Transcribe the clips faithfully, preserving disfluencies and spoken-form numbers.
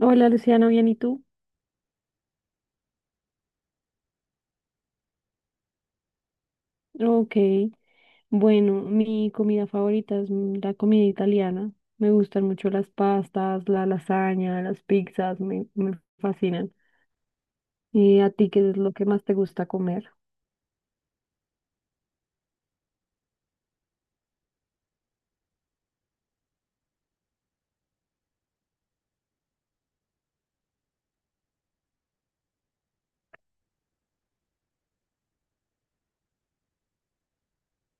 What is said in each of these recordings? Hola Luciano, ¿bien y tú? Ok, bueno, mi comida favorita es mm, la comida italiana. Me gustan mucho las pastas, la lasaña, las pizzas, me, me fascinan. ¿Y a ti qué es lo que más te gusta comer?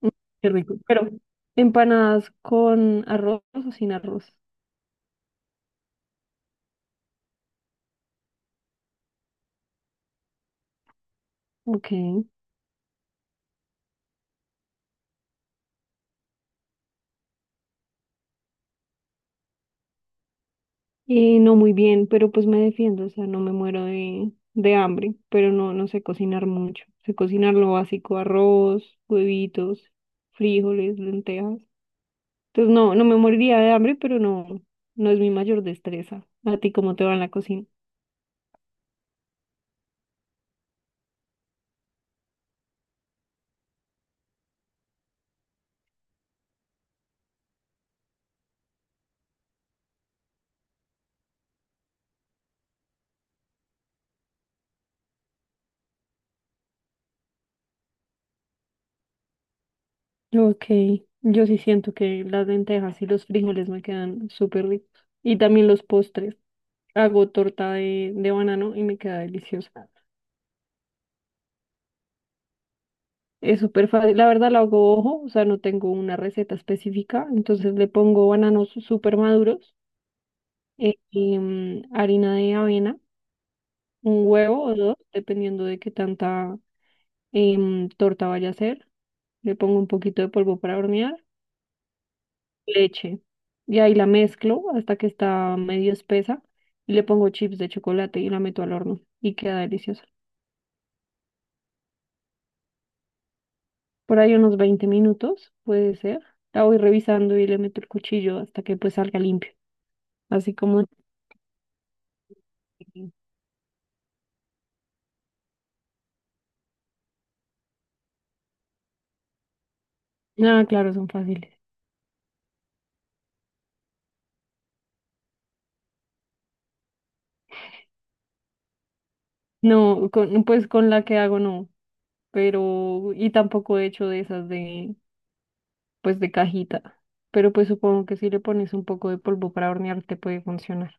Mm. Qué rico. Pero empanadas con arroz o sin arroz. Ok. Y no muy bien, pero pues me defiendo, o sea, no me muero de, de hambre, pero no, no sé cocinar mucho. Sé cocinar lo básico, arroz, huevitos, frijoles, lentejas. Entonces no, no me moriría de hambre, pero no, no es mi mayor destreza. ¿A ti cómo te va en la cocina? Ok, yo sí siento que las lentejas y los frijoles me quedan súper ricos. Y también los postres. Hago torta de, de banano y me queda deliciosa. Es súper fácil. La verdad la hago ojo, o sea, no tengo una receta específica. Entonces le pongo bananos súper maduros, eh, y, mm, harina de avena, un huevo o dos, dependiendo de qué tanta em, torta vaya a ser. Le pongo un poquito de polvo para hornear, leche. Y ahí la mezclo hasta que está medio espesa. Y le pongo chips de chocolate y la meto al horno. Y queda deliciosa. Por ahí unos veinte minutos, puede ser. La voy revisando y le meto el cuchillo hasta que pues salga limpio. Así como... Si, ah, claro, son fáciles. No, con, pues con la que hago no. Pero... Y tampoco he hecho de esas de pues de cajita, pero pues supongo que si le pones un poco de polvo para hornear te puede funcionar.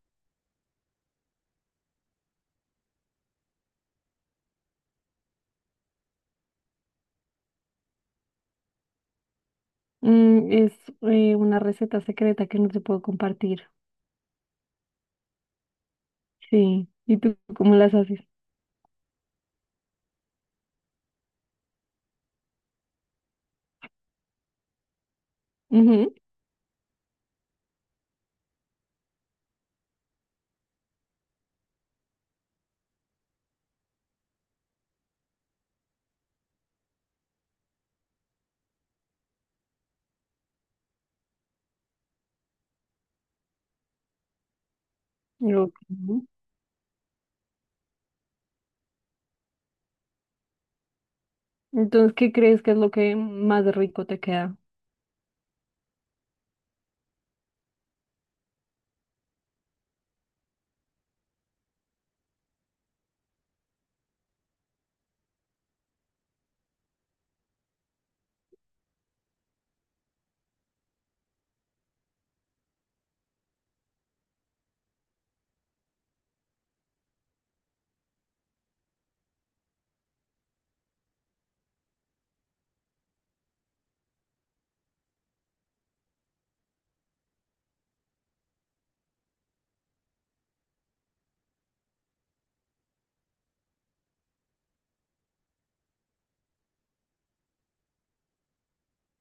Mm, es eh, una receta secreta que no te puedo compartir. Sí, ¿y tú cómo las haces? Ujú, ok. Entonces, ¿qué crees que es lo que más rico te queda?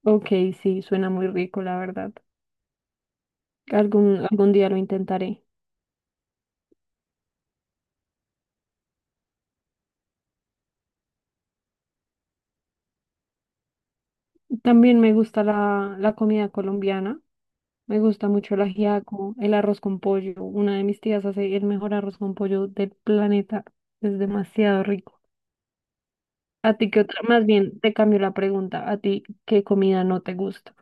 Ok, sí, suena muy rico, la verdad. Algún, algún día lo intentaré. También me gusta la, la comida colombiana. Me gusta mucho el ajiaco, el arroz con pollo. Una de mis tías hace el mejor arroz con pollo del planeta. Es demasiado rico. A ti qué otra, más bien te cambio la pregunta. ¿A ti qué comida no te gusta?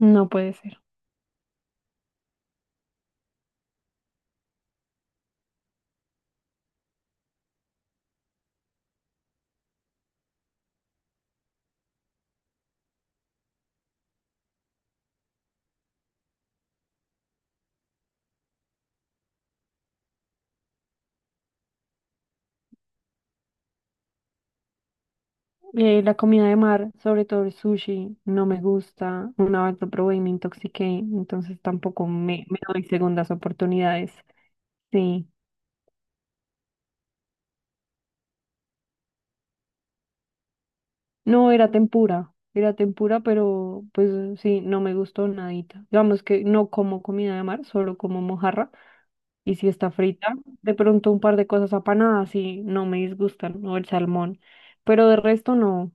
No puede ser. Eh, la comida de mar, sobre todo el sushi, no me gusta. Una vez lo probé y me intoxiqué, entonces tampoco me, me doy segundas oportunidades. Sí. No, era tempura. Era tempura, pero pues sí, no me gustó nadita. Digamos que no como comida de mar, solo como mojarra. Y si está frita, de pronto un par de cosas apanadas y no me disgustan, o el salmón. Pero de resto no.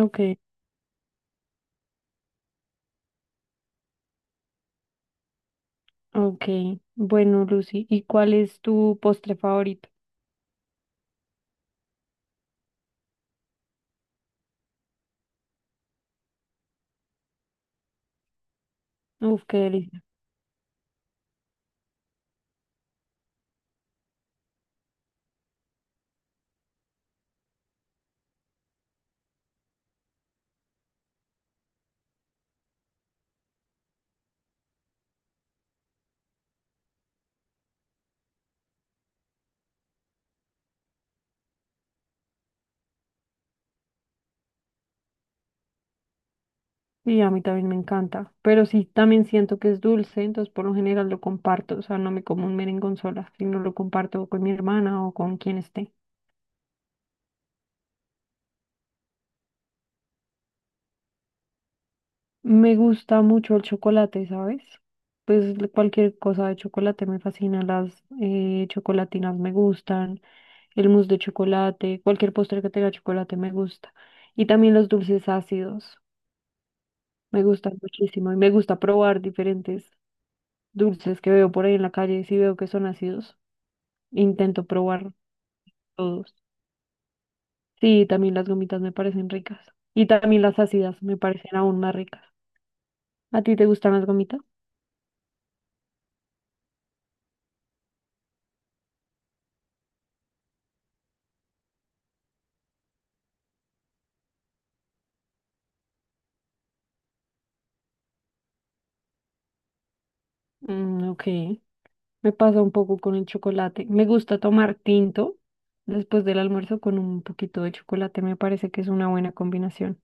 Ok, ok. Bueno, Lucy, ¿y cuál es tu postre favorito? Uf, qué delicia. Y a mí también me encanta. Pero sí, también siento que es dulce, entonces por lo general lo comparto. O sea, no me como un merengón sola, sino lo comparto con mi hermana o con quien esté. Me gusta mucho el chocolate, ¿sabes? Pues cualquier cosa de chocolate me fascina, las eh, chocolatinas me gustan. El mousse de chocolate, cualquier postre que tenga chocolate me gusta. Y también los dulces ácidos, me gustan muchísimo. Y me gusta probar diferentes dulces que veo por ahí en la calle. Si veo que son ácidos, intento probar todos. Sí, también las gomitas me parecen ricas. Y también las ácidas me parecen aún más ricas. ¿A ti te gustan las gomitas? Mm, ok. Me pasa un poco con el chocolate. Me gusta tomar tinto después del almuerzo con un poquito de chocolate. Me parece que es una buena combinación.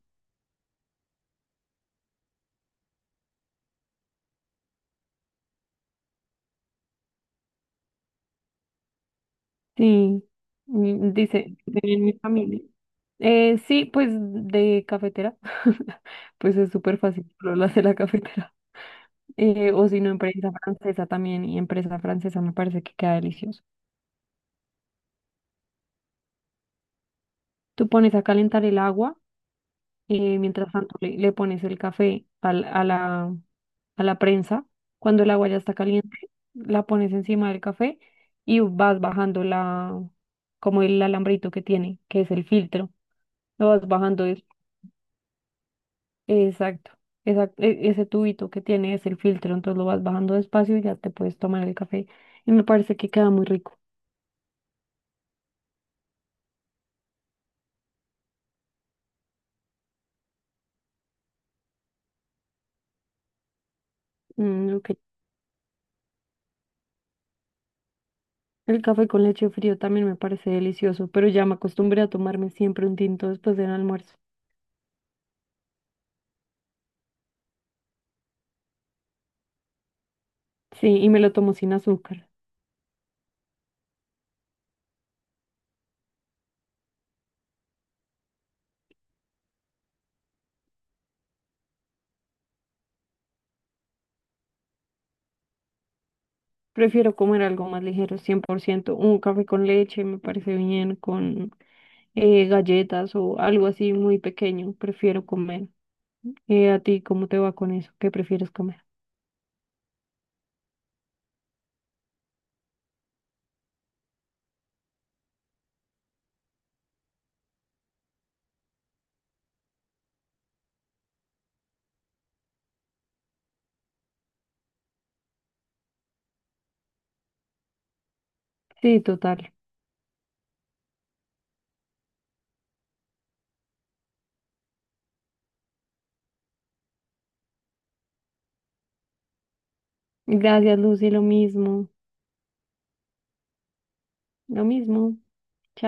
Sí, mm, dice, en mi familia. Eh, sí, pues de cafetera, pues es súper fácil, solo lo hace la cafetera. Eh, o si no, empresa francesa también, y empresa francesa me parece que queda delicioso. Tú pones a calentar el agua, eh, mientras tanto le, le pones el café al- a la, a la prensa. Cuando el agua ya está caliente, la pones encima del café y vas bajando la, como el alambrito que tiene, que es el filtro. Lo vas bajando. Exacto, exacto, e- ese tubito que tiene es el filtro, entonces lo vas bajando despacio y ya te puedes tomar el café. Y me parece que queda muy rico. Mm, ok. El café con leche frío también me parece delicioso, pero ya me acostumbré a tomarme siempre un tinto después del almuerzo. Sí, y me lo tomo sin azúcar. Prefiero comer algo más ligero, cien por ciento. Un café con leche me parece bien, con eh, galletas o algo así muy pequeño. Prefiero comer. Eh, ¿a ti cómo te va con eso? ¿Qué prefieres comer? Sí, total. Gracias, Lucy, lo mismo, lo mismo. Chao.